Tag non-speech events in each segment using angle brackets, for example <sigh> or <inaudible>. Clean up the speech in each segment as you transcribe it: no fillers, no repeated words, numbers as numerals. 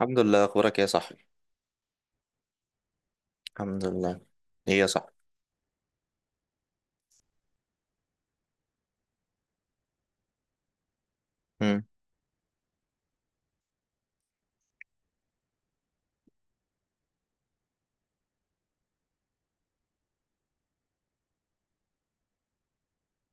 الحمد لله، اخبارك إيه يا صاحبي؟ الحمد لله. ايه يا صاحبي؟ مم.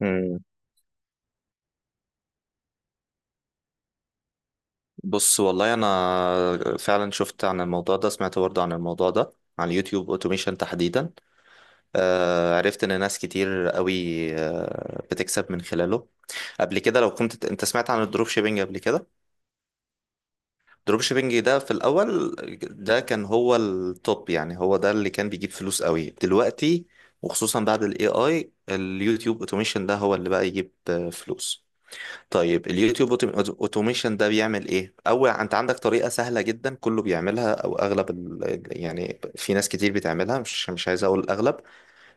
مم. بص، والله انا فعلا شفت عن الموضوع ده، سمعت برضه عن الموضوع ده، على اليوتيوب اوتوميشن تحديدا. آه، عرفت ان ناس كتير قوي بتكسب من خلاله. قبل كده لو كنت انت سمعت عن الدروب شيبينج قبل كده، الدروب شيبينج ده في الاول ده كان هو التوب، يعني هو ده اللي كان بيجيب فلوس قوي. دلوقتي وخصوصا بعد الاي اي، اليوتيوب اوتوميشن ده هو اللي بقى يجيب فلوس. طيب اليوتيوب اوتوميشن ده بيعمل ايه؟ اول انت عندك طريقه سهله جدا، كله بيعملها او اغلب يعني في ناس كتير بتعملها، مش عايز اقول الاغلب،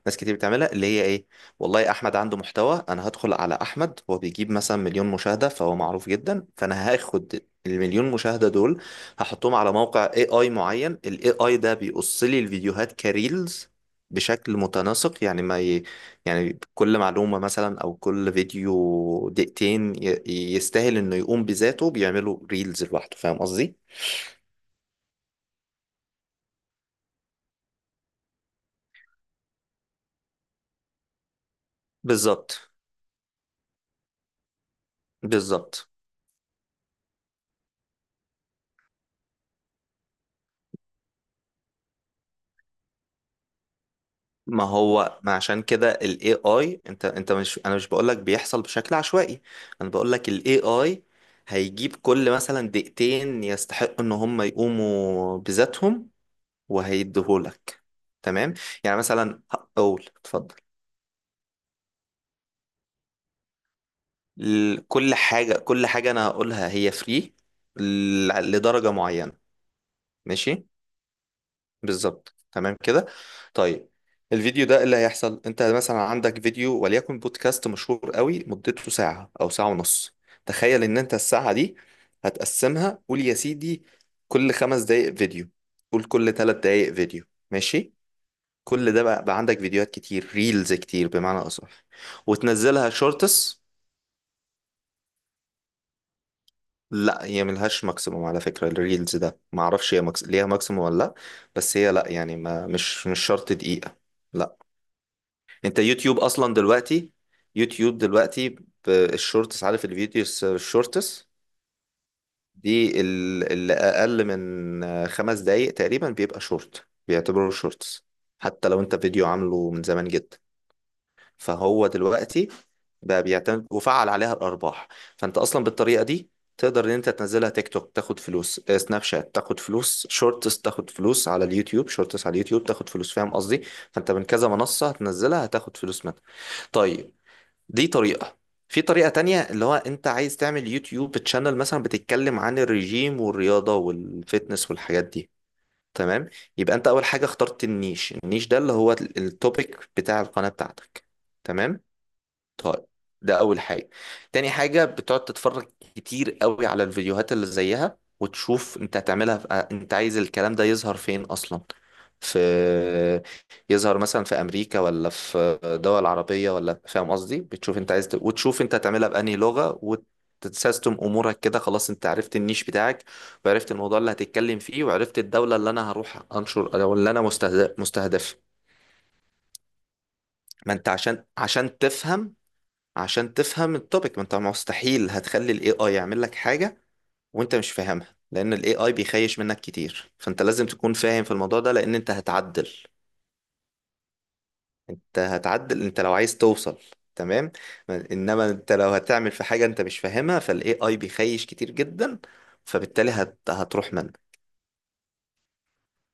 ناس كتير بتعملها، اللي هي ايه؟ والله احمد عنده محتوى، انا هدخل على احمد، هو بيجيب مثلا مليون مشاهدة، فهو معروف جدا، فانا هاخد المليون مشاهدة دول هحطهم على موقع اي اي معين. الاي اي ده بيقص لي الفيديوهات كريلز بشكل متناسق، يعني ما ي... يعني كل معلومة مثلا او كل فيديو دقيقتين يستاهل انه يقوم بذاته، بيعملوا ريلز لوحده، فاهم قصدي؟ بالظبط، بالظبط. ما هو ما عشان كده ال AI، انت مش، انا مش بقولك بيحصل بشكل عشوائي، انا بقولك ال AI هيجيب كل مثلا دقيقتين يستحقوا ان هم يقوموا بذاتهم وهيديهولك. تمام، يعني مثلا هقول اتفضل، كل حاجة، كل حاجة انا هقولها هي فري لدرجة معينة. ماشي. بالظبط، تمام كده. طيب الفيديو ده إيه اللي هيحصل؟ انت مثلا عندك فيديو وليكن بودكاست مشهور قوي، مدته ساعة او ساعة ونص. تخيل ان انت الساعة دي هتقسمها، قول يا سيدي كل خمس دقايق فيديو، قول كل ثلاث دقايق فيديو، ماشي. كل ده بقى، عندك فيديوهات كتير، ريلز كتير بمعنى اصح، وتنزلها شورتس. لا، هي ملهاش ماكسيموم على فكرة، الريلز ده معرفش هي ليها ماكسيموم ولا لا. بس هي لا، يعني ما مش شرط دقيقة. لا، انت يوتيوب اصلا دلوقتي، يوتيوب دلوقتي بالشورتس، عارف الفيديوز الشورتس دي؟ اللي اقل من خمس دقايق تقريبا بيبقى شورت، بيعتبروه شورتس، حتى لو انت فيديو عامله من زمان جدا، فهو دلوقتي بقى بيعتمد وفعل عليها الارباح. فانت اصلا بالطريقه دي تقدر ان انت تنزلها تيك توك تاخد فلوس، سناب شات تاخد فلوس، شورتس تاخد فلوس على اليوتيوب، شورتس على اليوتيوب تاخد فلوس، فاهم قصدي؟ فانت من كذا منصه هتنزلها هتاخد فلوس منها. طيب دي طريقة. في طريقة تانية، اللي هو انت عايز تعمل يوتيوب تشانل مثلا بتتكلم عن الرجيم والرياضة والفتنس والحاجات دي. تمام، يبقى انت اول حاجة اخترت النيش. النيش ده اللي هو التوبيك بتاع القناة بتاعتك. تمام. طيب، ده اول حاجه. تاني حاجه بتقعد تتفرج كتير قوي على الفيديوهات اللي زيها وتشوف انت هتعملها في... آه، انت عايز الكلام ده يظهر فين اصلا، في <laughs> يظهر مثلا في امريكا ولا في دول عربيه ولا، فاهم قصدي؟ بتشوف انت عايز وتشوف انت هتعملها بأنهي لغه، وتسيستم امورك كده، خلاص انت عرفت النيش بتاعك، وعرفت الموضوع اللي هتتكلم فيه، وعرفت الدوله اللي انا هروح انشر او اللي انا مستهدف مستهدف. ما انت عشان تفهم، عشان تفهم التوبيك، ما انت مستحيل هتخلي الاي اي يعمل لك حاجة وانت مش فاهمها، لان الاي اي بيخيش منك كتير، فانت لازم تكون فاهم في الموضوع ده، لان انت هتعدل، انت لو عايز توصل. تمام. انما انت لو هتعمل في حاجة انت مش فاهمها، فالاي اي بيخيش كتير جدا، فبالتالي هتروح منك.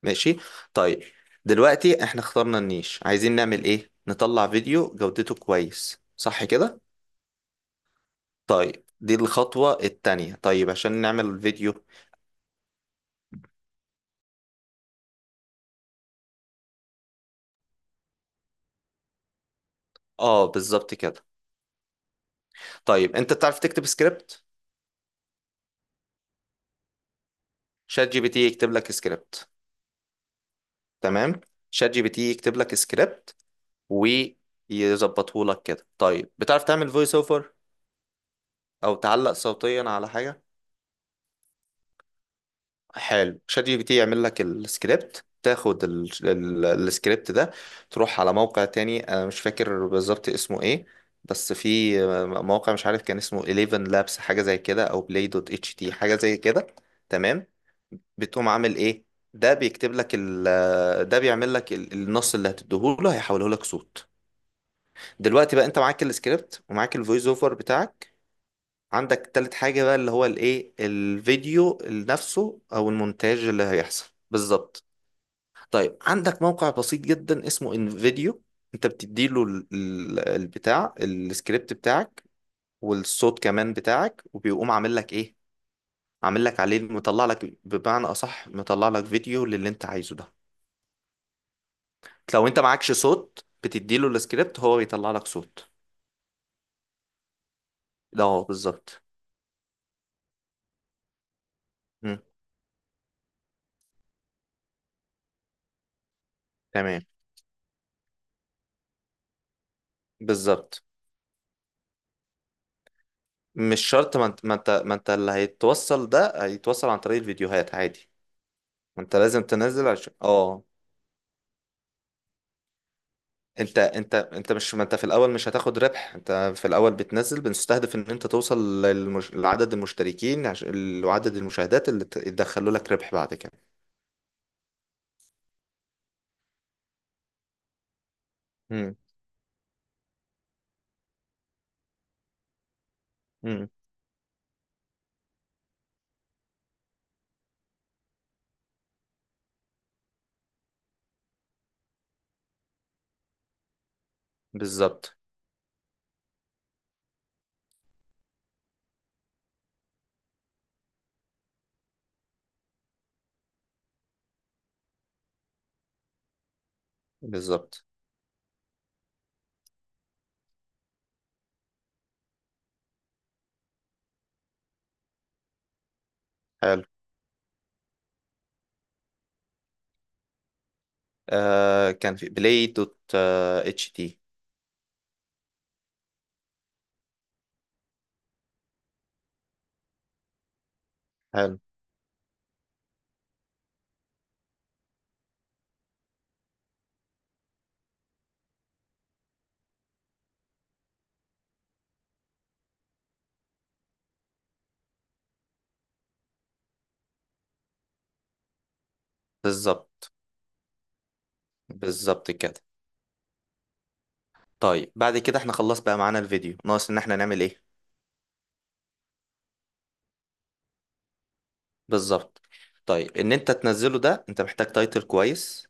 ماشي. طيب دلوقتي احنا اخترنا النيش، عايزين نعمل ايه؟ نطلع فيديو جودته كويس، صح كده؟ طيب دي الخطوة التانية، طيب عشان نعمل الفيديو، اه بالظبط كده. طيب انت بتعرف تكتب سكريبت؟ شات جي بي تي يكتب لك سكريبت. تمام، شات جي بي تي يكتب لك سكريبت ويظبطه لك كده. طيب بتعرف تعمل فويس اوفر او تعلق صوتيا على حاجة؟ حلو، شات جي بي تي يعمل لك السكريبت، تاخد السكريبت ده، تروح على موقع تاني، انا مش فاكر بالظبط اسمه ايه، بس في موقع مش عارف كان اسمه 11 لابس حاجة زي كده، او بلاي دوت اتش تي حاجة زي كده. تمام. بتقوم عامل ايه؟ ده بيكتب لك ال ده بيعمل لك النص اللي هتديهوله هيحوله لك صوت. دلوقتي بقى انت معاك السكريبت ومعاك الفويس اوفر بتاعك. عندك تالت حاجة بقى اللي هو الايه، الفيديو نفسه، او المونتاج اللي هيحصل بالظبط. طيب عندك موقع بسيط جدا اسمه انفيديو، انت بتديله ال- ال- البتاع السكريبت بتاعك والصوت كمان بتاعك، وبيقوم عامل لك ايه؟ عامل لك عليه، مطلع لك بمعنى اصح، مطلع لك فيديو للي انت عايزه ده. لو انت معكش صوت، بتديله السكريبت هو بيطلع لك صوت. ده هو بالظبط. مم. تمام. بالظبط. مش شرط، ما انت اللي هيتوصل، ده هيتوصل عن طريق الفيديوهات عادي. ما انت لازم تنزل عشان اه انت مش، ما انت في الاول مش هتاخد ربح، انت في الاول بتنزل، بنستهدف ان انت توصل لعدد المشتركين، لعدد المشاهدات اللي يدخلوا لك ربح بعد كده. امم. امم. بالظبط. بالظبط. حلو. آه كان في بلاي دوت، اتش تي. حلو. بالظبط، بالظبط كده. طيب بعد كده احنا خلص بقى معانا الفيديو، ناقص ان احنا نعمل ايه؟ بالظبط. طيب ان انت تنزله ده انت محتاج تايتل كويس،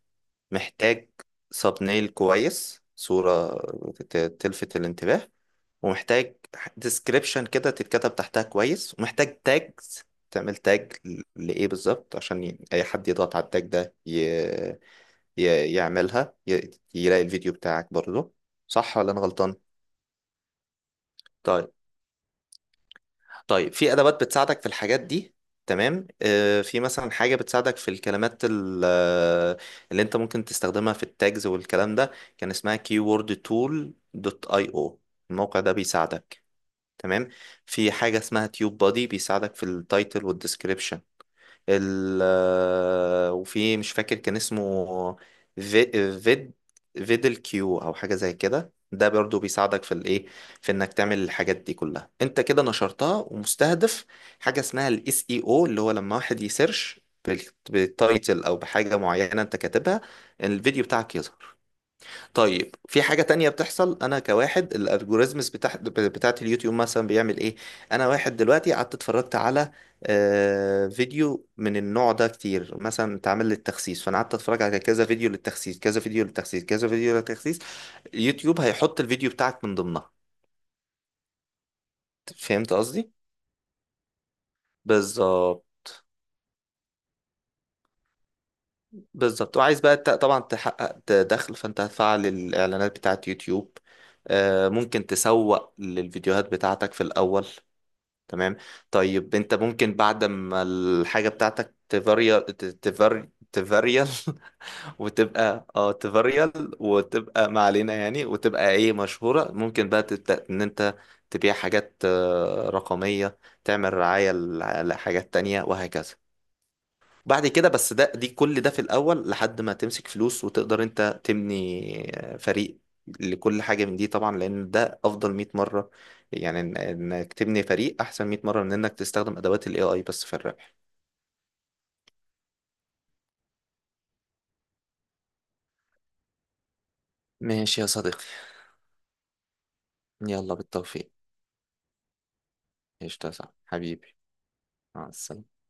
محتاج ساب نيل كويس، صورة تلفت الانتباه، ومحتاج ديسكريبشن كده تتكتب تحتها كويس، ومحتاج تاجز، تعمل تاج لإيه بالظبط، عشان أي حد يضغط على التاج ده يعملها، يلاقي الفيديو بتاعك برضه. صح ولا أنا غلطان؟ طيب. طيب في أدوات بتساعدك في الحاجات دي. تمام، في مثلا حاجة بتساعدك في الكلمات اللي انت ممكن تستخدمها في التاجز والكلام ده، كان اسمها keywordtool.io. الموقع ده بيساعدك. تمام. في حاجة اسمها تيوب بادي بيساعدك في التايتل والديسكريبشن. ال آه، وفي مش فاكر كان اسمه، في فيد فيدل كيو او حاجه زي كده، ده برضو بيساعدك في الايه، في انك تعمل الحاجات دي كلها. انت كده نشرتها ومستهدف. حاجه اسمها الاس اي او، اللي هو لما واحد يسيرش بالتايتل او بحاجه معينه انت كاتبها الفيديو بتاعك يظهر. طيب في حاجة تانية بتحصل، أنا كواحد، الألجوريزمز بتاعت اليوتيوب مثلا بيعمل إيه؟ أنا واحد دلوقتي قعدت اتفرجت على فيديو من النوع ده كتير، مثلا اتعمل للتخسيس، فأنا قعدت أتفرج على كذا فيديو للتخسيس، كذا فيديو للتخسيس، كذا فيديو للتخسيس، اليوتيوب هيحط الفيديو بتاعك من ضمنها. فهمت قصدي؟ بالظبط، بالظبط. وعايز بقى طبعا تحقق دخل، فأنت هتفعل الإعلانات بتاعت يوتيوب، ممكن تسوق للفيديوهات بتاعتك في الأول. تمام. طيب انت ممكن بعد ما الحاجة بتاعتك تفاريال، تفاريال <laughs> وتبقى اه تفاريال، وتبقى ما علينا يعني، وتبقى ايه، مشهورة، ممكن بقى تبدأ ان انت تبيع حاجات رقمية، تعمل رعاية لحاجات تانية وهكذا. بعد كده بس ده، دي كل ده في الأول لحد ما تمسك فلوس وتقدر أنت تبني فريق لكل حاجة من دي، طبعا لأن ده أفضل 100 مرة، يعني إنك تبني فريق أحسن 100 مرة من إنك تستخدم أدوات ال AI بس في الربح. ماشي يا صديقي. يلا بالتوفيق. قشطة يا صاحبي حبيبي. مع السلامة.